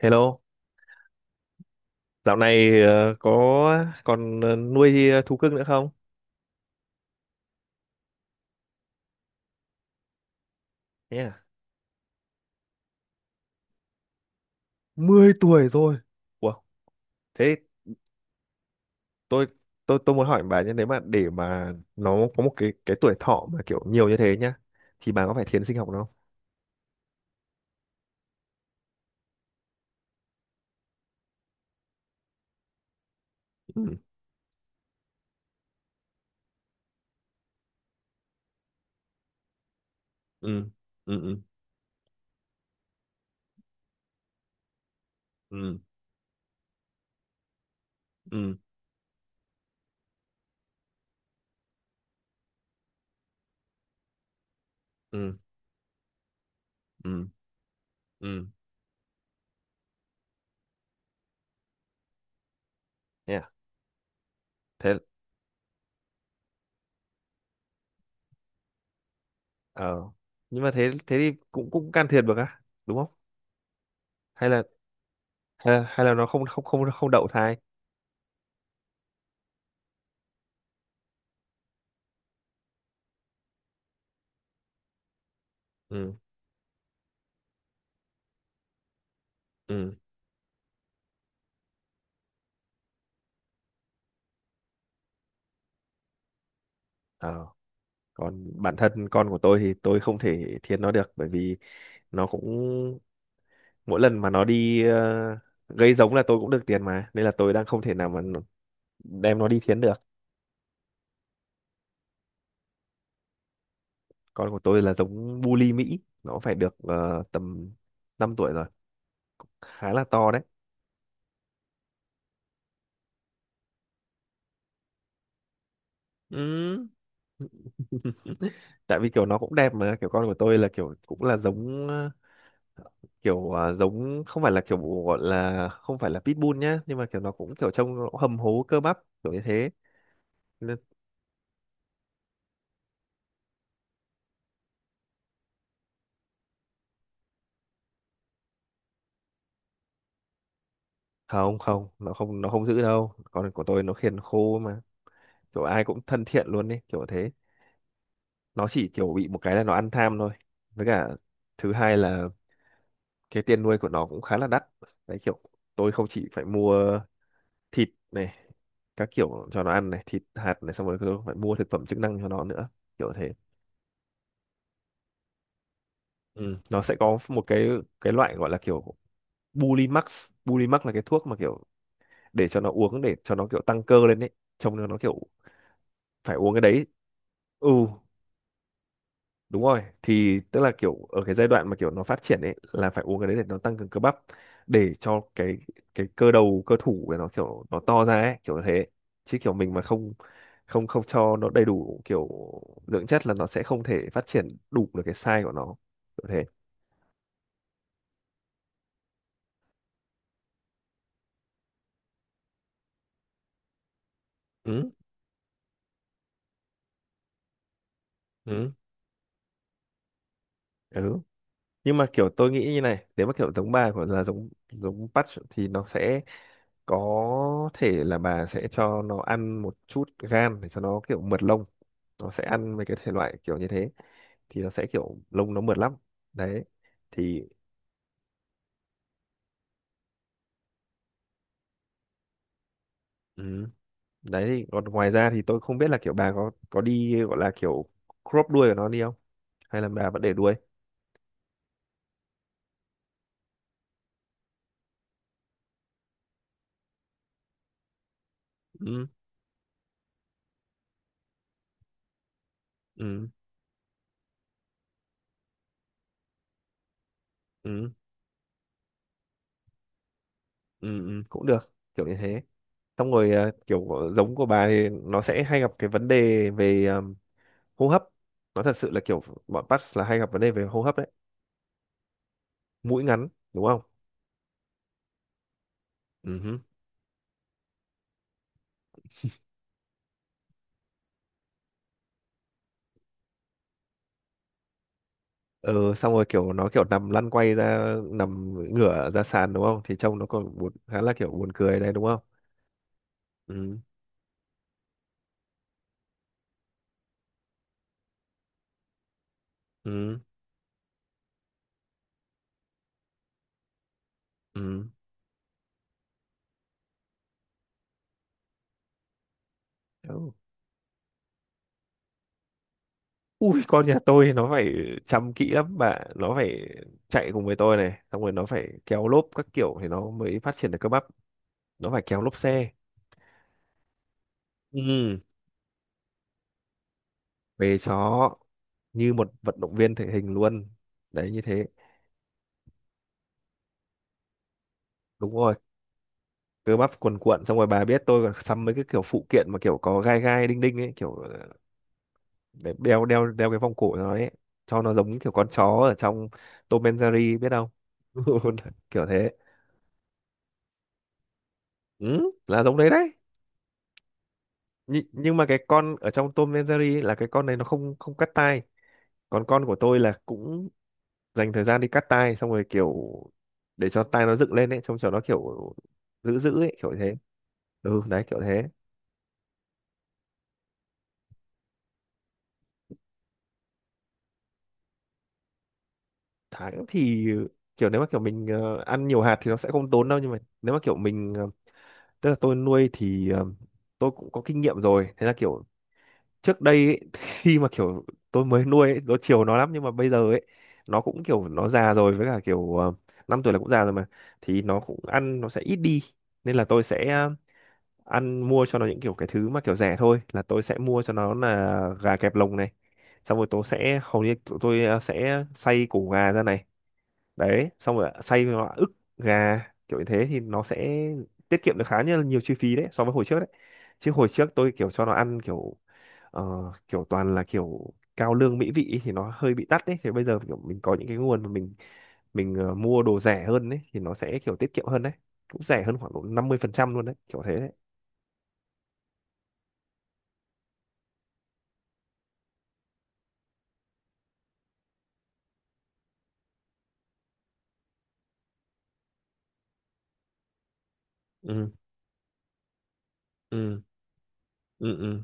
Hello, dạo này có còn nuôi thú cưng nữa không? Yeah. 10 tuổi rồi. Wow. Thế tôi tôi muốn hỏi bà nhé, nếu mà để mà nó có một cái tuổi thọ mà kiểu nhiều như thế nhá, thì bà có phải thiến sinh học nó không? Ừ. Ừ. Ừ. Ừ. Ừ. Ừ. Ừ. Ừ. Ừ. Yeah. Thế ờ Nhưng mà thế thế thì cũng cũng can thiệp được á, đúng không? Hay là hay là nó không không không không đậu thai? Ừ. Ừ. Ờ. Còn bản thân con của tôi thì tôi không thể thiên nó được, bởi vì nó cũng mỗi lần mà nó đi gây giống là tôi cũng được tiền mà, nên là tôi đang không thể nào mà đem nó đi thiến được. Con của tôi là giống bully Mỹ, nó phải được tầm 5 tuổi rồi, cũng khá là to đấy. Ừ. Tại vì kiểu nó cũng đẹp mà, kiểu con của tôi là kiểu cũng là giống kiểu giống không phải là kiểu gọi là, không phải là pitbull nhá, nhưng mà kiểu nó cũng kiểu trông nó hầm hố cơ bắp kiểu như thế. Không không nó không giữ đâu, con của tôi nó khiền khô mà, kiểu ai cũng thân thiện luôn đấy kiểu thế. Nó chỉ kiểu bị một cái là nó ăn tham thôi, với cả thứ hai là cái tiền nuôi của nó cũng khá là đắt đấy. Kiểu tôi không chỉ phải mua thịt này, các kiểu cho nó ăn này, thịt hạt này, xong rồi tôi phải mua thực phẩm chức năng cho nó nữa kiểu thế. Ừ. Nó sẽ có một cái loại gọi là kiểu Bulimax. Bulimax là cái thuốc mà kiểu để cho nó uống, để cho nó kiểu tăng cơ lên đấy, trông nó kiểu phải uống cái đấy. Ừ. Đúng rồi, thì tức là kiểu ở cái giai đoạn mà kiểu nó phát triển ấy là phải uống cái đấy để nó tăng cường cơ bắp, để cho cái cơ đầu cơ thủ để nó kiểu nó to ra ấy kiểu thế. Chứ kiểu mình mà không không không cho nó đầy đủ kiểu dưỡng chất là nó sẽ không thể phát triển đủ được cái size của nó kiểu thế. Ừ. Ừ. Ừ. Nhưng mà kiểu tôi nghĩ như này, nếu mà kiểu giống bà của là giống giống patch thì nó sẽ có thể là bà sẽ cho nó ăn một chút gan để cho nó kiểu mượt lông, nó sẽ ăn mấy cái thể loại kiểu như thế thì nó sẽ kiểu lông nó mượt lắm đấy thì. Ừ. Đấy thì còn ngoài ra thì tôi không biết là kiểu bà có đi gọi là kiểu crop đuôi của nó đi không, hay là bà vẫn để đuôi. Ừ. Ừ. Ừ. Ừ. Ừ. Cũng được kiểu như thế. Xong rồi à, kiểu giống của bà thì nó sẽ hay gặp cái vấn đề về à, hô hấp. Nó thật sự là kiểu bọn Pats là hay gặp vấn đề về hô hấp đấy, mũi ngắn đúng không. Ừ. Ừ. Xong rồi kiểu nó kiểu nằm lăn quay ra nằm ngửa ra sàn đúng không, thì trông nó còn buồn, khá là kiểu buồn cười đấy đúng không. Ừ. Ừ. Ừ. Ừ. Ui, con nhà tôi nó phải chăm kỹ lắm bạn, nó phải chạy cùng với tôi này, xong rồi nó phải kéo lốp các kiểu thì nó mới phát triển được cơ bắp. Nó phải kéo lốp xe. Ừ. Về chó. Như một vận động viên thể hình luôn đấy như thế. Đúng rồi, cơ bắp cuồn cuộn, xong rồi bà biết tôi còn sắm mấy cái kiểu phụ kiện mà kiểu có gai gai đinh đinh ấy kiểu để đeo đeo đeo cái vòng cổ nó ấy, cho nó giống kiểu con chó ở trong Tom and Jerry biết không. Kiểu thế. Ừ, là giống đấy đấy. Nhưng mà cái con ở trong Tom and Jerry ấy là cái con này nó không không cắt tai, còn con của tôi là cũng dành thời gian đi cắt tai, xong rồi kiểu để cho tai nó dựng lên ấy, trông cho nó kiểu dữ dữ ấy kiểu thế. Ừ đấy kiểu thế. Tháng thì kiểu nếu mà kiểu mình ăn nhiều hạt thì nó sẽ không tốn đâu, nhưng mà nếu mà kiểu mình tức là tôi nuôi thì tôi cũng có kinh nghiệm rồi, thế là kiểu trước đây ấy, khi mà kiểu tôi mới nuôi ấy, tôi chiều nó lắm, nhưng mà bây giờ ấy nó cũng kiểu nó già rồi, với cả kiểu năm tuổi là cũng già rồi mà, thì nó cũng ăn nó sẽ ít đi, nên là tôi sẽ ờ, ăn mua cho nó những kiểu cái thứ mà kiểu rẻ thôi, là tôi sẽ mua cho nó là gà kẹp lồng này, xong rồi tôi sẽ hầu như tụi tôi sẽ xay củ gà ra này, đấy xong rồi xay vào ức gà kiểu như thế thì nó sẽ tiết kiệm được khá nhiều chi phí đấy so với hồi trước đấy. Chứ hồi trước tôi kiểu cho nó ăn kiểu ờ, kiểu toàn là kiểu cao lương mỹ vị ý, thì nó hơi bị tắt đấy, thì bây giờ kiểu mình có những cái nguồn mà mình mua đồ rẻ hơn đấy thì nó sẽ kiểu tiết kiệm hơn đấy, cũng rẻ hơn khoảng độ 50% luôn đấy kiểu thế đấy. Ừ. Ừ. Ừ. Ừ.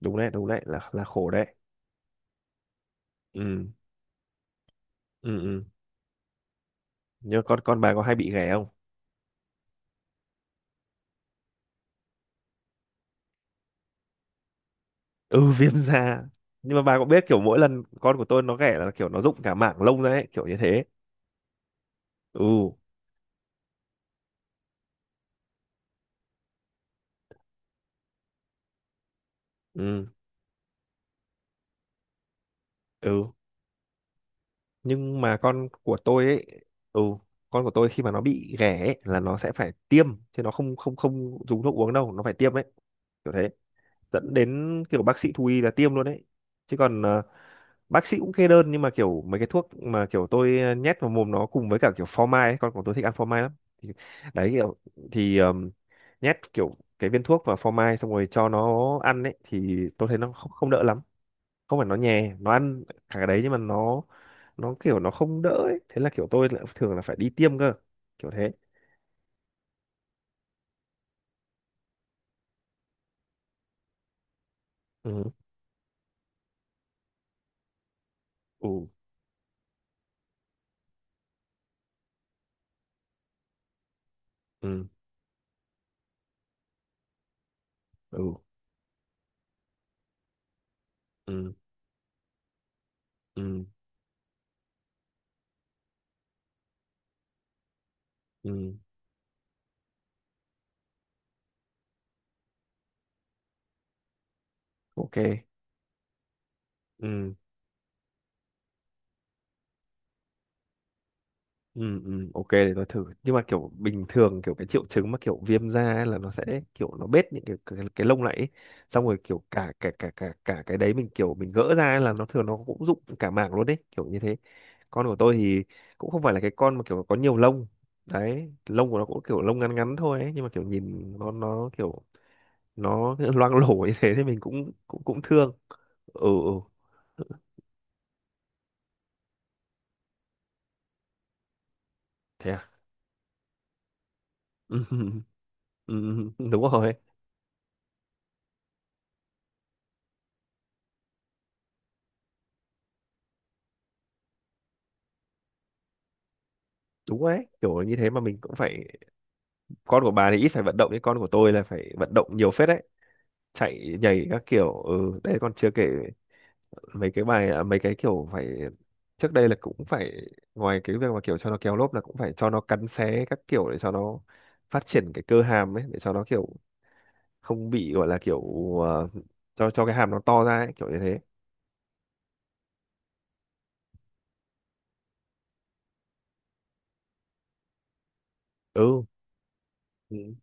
Đúng đấy, đúng đấy, là khổ đấy. Ừ. Ừ. Ừ. Nhưng con bà có hay bị ghẻ không. Ừ, viêm da. Nhưng mà bà cũng biết kiểu mỗi lần con của tôi nó ghẻ là kiểu nó rụng cả mảng lông ra ấy kiểu như thế. Ừ. Ừ. Ừ. Nhưng mà con của tôi ấy. Ừ. Con của tôi khi mà nó bị ghẻ ấy, là nó sẽ phải tiêm, chứ nó không không không dùng thuốc uống đâu, nó phải tiêm ấy kiểu thế, dẫn đến kiểu bác sĩ thú y là tiêm luôn đấy. Chứ còn bác sĩ cũng kê đơn, nhưng mà kiểu mấy cái thuốc mà kiểu tôi nhét vào mồm nó cùng với cả kiểu phô mai ấy, con của tôi thích ăn phô mai lắm thì, đấy kiểu thì nhét kiểu cái viên thuốc vào phô mai xong rồi cho nó ăn ấy, thì tôi thấy nó không đỡ lắm. Không phải nó nhè, nó ăn cả cái đấy nhưng mà nó kiểu nó không đỡ ấy, thế là kiểu tôi lại thường là phải đi tiêm cơ kiểu thế. Ừ. Ừ. Ừ. Ừ. Ừ. Ừ. Ừ. Ok. Ừ. Ừ, ừ, ok để tôi thử. Nhưng mà kiểu bình thường kiểu cái triệu chứng mà kiểu viêm da ấy là nó sẽ kiểu nó bết những cái lông lại ấy. Xong rồi kiểu cả cả cả cả cả cái đấy mình kiểu mình gỡ ra ấy là nó thường nó cũng rụng cả mảng luôn đấy kiểu như thế. Con của tôi thì cũng không phải là cái con mà kiểu có nhiều lông đấy, lông của nó cũng kiểu lông ngắn ngắn thôi ấy. Nhưng mà kiểu nhìn nó kiểu nó loang lổ như thế thì mình cũng cũng cũng thương. Ừ. Ừ. Thế à. Ừ, ừ, ừ, đúng rồi. Đúng đấy kiểu như thế, mà mình cũng phải, con của bà thì ít phải vận động, nhưng con của tôi là phải vận động nhiều phết đấy, chạy nhảy các kiểu. Ừ, đấy còn chưa kể mấy cái bài à, mấy cái kiểu phải, trước đây là cũng phải, ngoài cái việc mà kiểu cho nó kéo lốp là cũng phải cho nó cắn xé các kiểu để cho nó phát triển cái cơ hàm ấy, để cho nó kiểu không bị gọi là kiểu ờ, cho cái hàm nó to ra ấy kiểu như thế. Ừ. Ừ.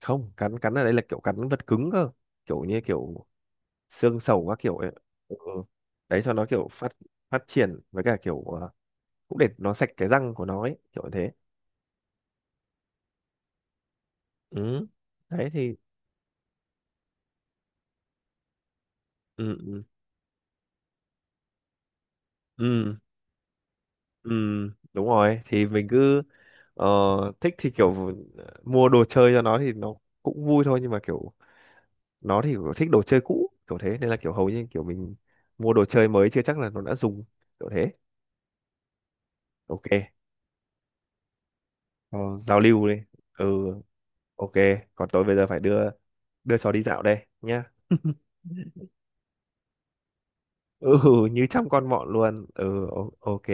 Không, cắn cắn ở đây là kiểu cắn vật cứng cơ, kiểu như kiểu xương sầu các kiểu ấy. Ừ. Ừ. Đấy cho nó kiểu phát phát triển với cả kiểu cũng để nó sạch cái răng của nó ấy kiểu như thế. Ừ đấy thì. Ừ. Ừ. Ừ. Ừ, đúng rồi thì mình cứ ờ, thích thì kiểu mua đồ chơi cho nó thì nó cũng vui thôi, nhưng mà kiểu nó thì kiểu thích đồ chơi cũ kiểu thế, nên là kiểu hầu như kiểu mình mua đồ chơi mới chưa chắc là nó đã dùng kiểu thế. Ok. Ờ, giao lưu đi. Ừ. Ok. Còn tôi bây giờ phải đưa đưa chó đi dạo đây nhá. Ừ, như chăm con mọn luôn. Ừ. Ok